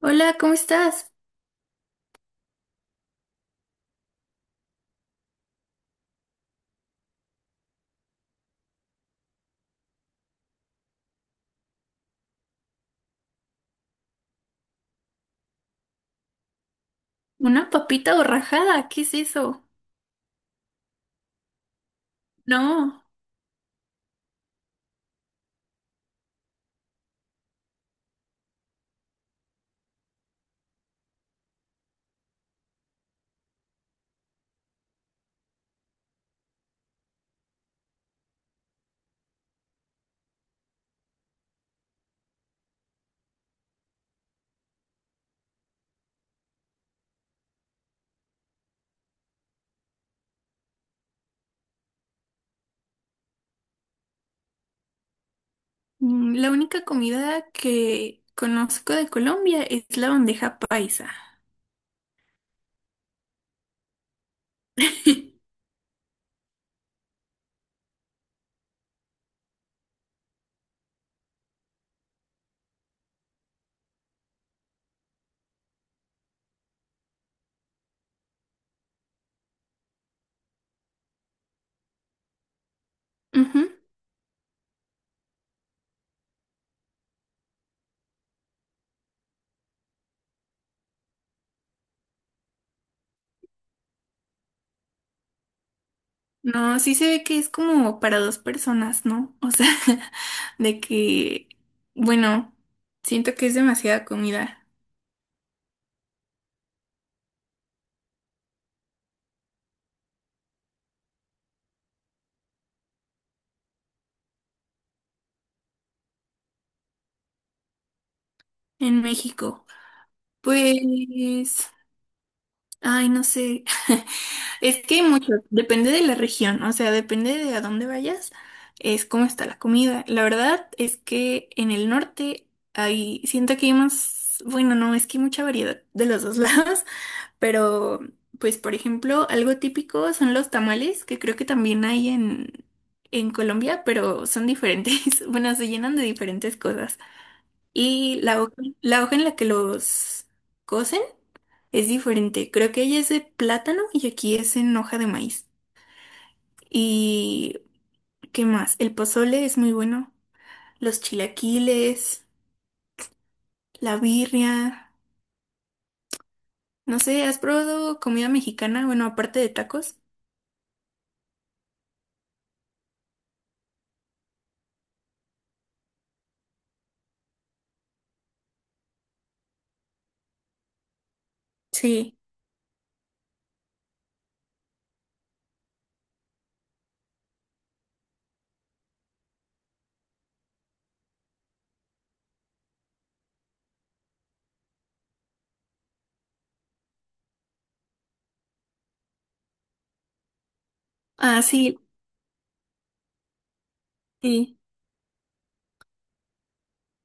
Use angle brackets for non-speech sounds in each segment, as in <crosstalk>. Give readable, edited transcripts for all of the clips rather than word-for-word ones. Hola, ¿cómo estás? ¿Una papita borrajada? ¿Qué es eso? No, la única comida que conozco de Colombia es la bandeja paisa. <laughs> Ujú. No, sí se ve que es como para dos personas, ¿no? O sea, <laughs> de que, bueno, siento que es demasiada comida en México. Pues, ay, no sé. <laughs> Es que hay muchos, depende de la región, o sea, depende de a dónde vayas, es cómo está la comida. La verdad es que en el norte hay, siento que hay más, bueno, no, es que hay mucha variedad de los dos <laughs> lados, pero pues por ejemplo, algo típico son los tamales, que creo que también hay en Colombia, pero son diferentes. <laughs> Bueno, se llenan de diferentes cosas. Y la hoja en la que los cocen es diferente, creo que ella es de plátano y aquí es en hoja de maíz. ¿Y qué más? El pozole es muy bueno. Los chilaquiles, la birria. No sé, ¿has probado comida mexicana? Bueno, aparte de tacos. Sí. Ah, sí, sí.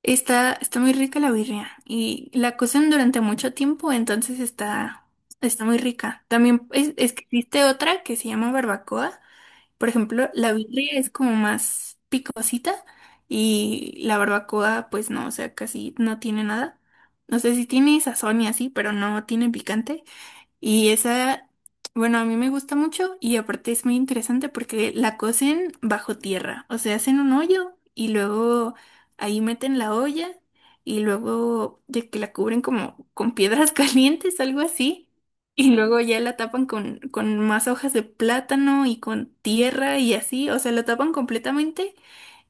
Está, está muy rica la birria. Y la cocen durante mucho tiempo, entonces está, está muy rica. También es que existe otra que se llama barbacoa. Por ejemplo, la birria es como más picosita y la barbacoa, pues no, o sea, casi no tiene nada. No sé si tiene sazón y así, pero no tiene picante. Y esa, bueno, a mí me gusta mucho y aparte es muy interesante porque la cocen bajo tierra, o sea, hacen un hoyo y luego ahí meten la olla y luego de que la cubren como con piedras <laughs> calientes, algo así, y luego ya la tapan con más hojas de plátano y con tierra y así, o sea, la tapan completamente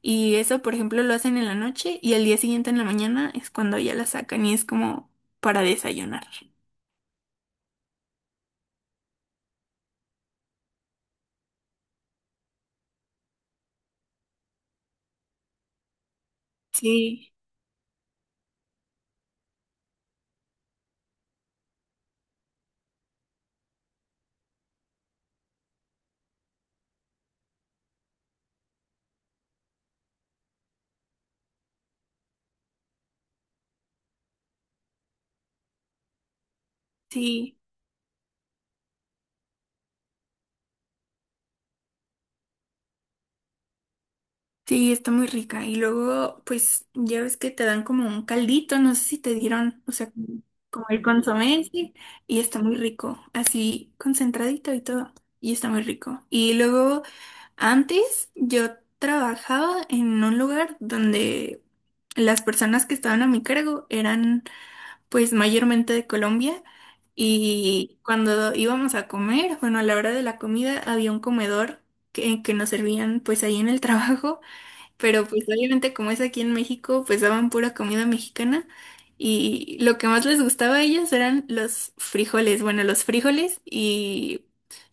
y eso, por ejemplo, lo hacen en la noche y al día siguiente en la mañana es cuando ya la sacan y es como para desayunar. Sí, sí. Sí, está muy rica. Y luego, pues, ya ves que te dan como un caldito, no sé si te dieron, o sea, como el consomé, sí, y está muy rico, así concentradito y todo, y está muy rico. Y luego, antes yo trabajaba en un lugar donde las personas que estaban a mi cargo eran, pues, mayormente de Colombia. Y cuando íbamos a comer, bueno, a la hora de la comida había un comedor que nos servían pues ahí en el <laughs> trabajo, pero pues obviamente como es aquí en México, pues daban pura comida mexicana y lo que más les gustaba a ellos eran los frijoles, bueno, los frijoles y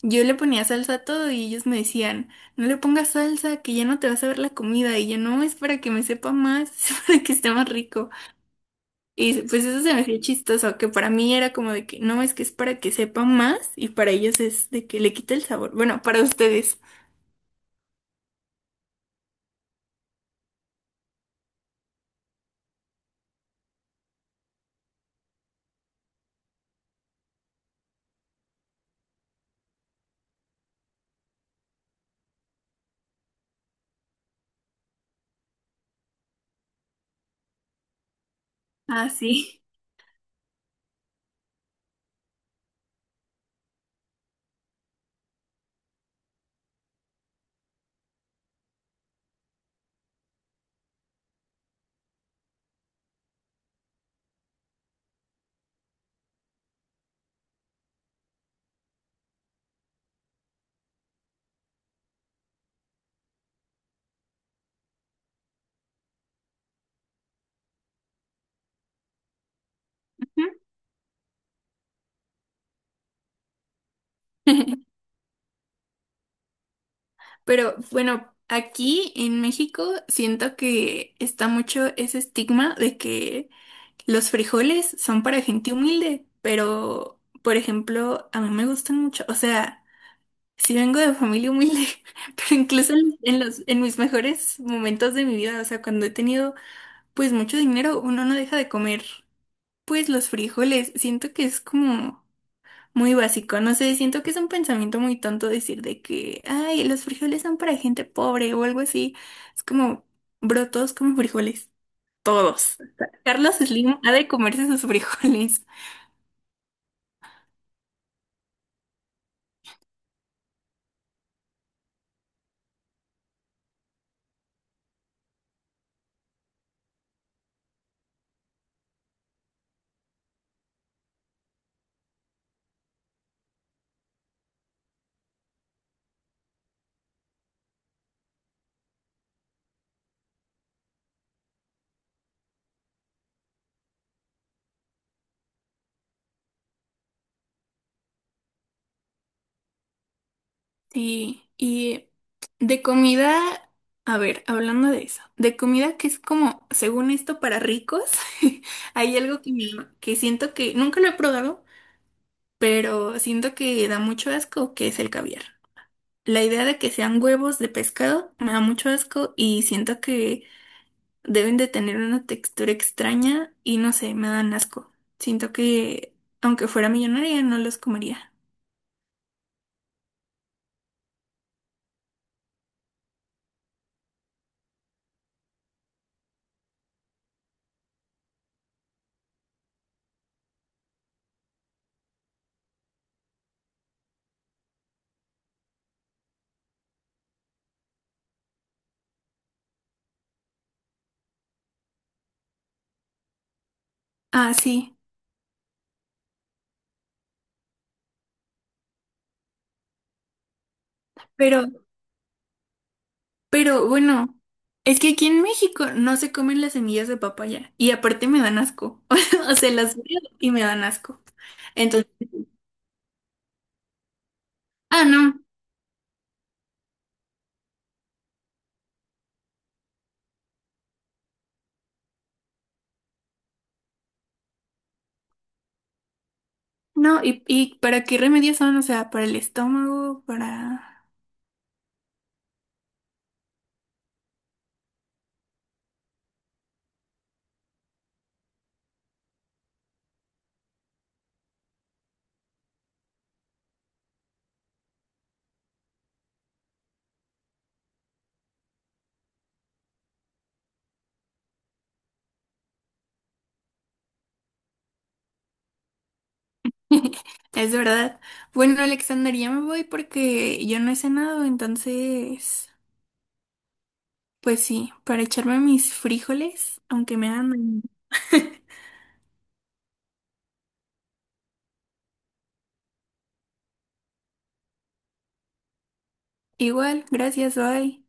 yo le ponía salsa a todo y ellos me decían, no le pongas salsa, que ya no te vas a ver la comida y yo no, es para que me sepa más, <laughs> es para que esté más rico. Y pues eso se me hacía chistoso, que para mí era como de que no, es que es para que sepa más y para ellos es de que le quita el sabor, bueno, para ustedes. Ah, sí. <laughs> Pero bueno, aquí en México siento que está mucho ese estigma de que los frijoles son para gente humilde, pero por ejemplo, a mí me gustan mucho, o sea, sí vengo de familia humilde, <laughs> pero incluso en los en mis mejores momentos de mi vida, o sea, cuando he tenido pues mucho dinero, uno no deja de comer pues los frijoles, siento que es como muy básico, no sé, siento que es un pensamiento muy tonto decir de que, ay, los frijoles son para gente pobre o algo así. Es como, bro, todos como frijoles, todos. Carlos Slim ha de comerse sus frijoles. Sí, y de comida, a ver, hablando de eso, de comida que es como, según esto, para ricos, <laughs> hay algo que, que siento que nunca lo he probado, pero siento que da mucho asco, que es el caviar. La idea de que sean huevos de pescado me da mucho asco y siento que deben de tener una textura extraña y no sé, me dan asco. Siento que aunque fuera millonaria no los comería. Ah, sí, pero, pero bueno, es que aquí en México no se comen las semillas de papaya y aparte me dan asco. <laughs> O sea, las veo y me dan asco. Entonces, ah, no, no, y ¿para qué remedios son? O sea, para el estómago, para... <laughs> Es verdad. Bueno, Alexander, ya me voy porque yo no he cenado, entonces, pues sí, para echarme mis frijoles, aunque me hagan mañana. <laughs> Igual, gracias, bye.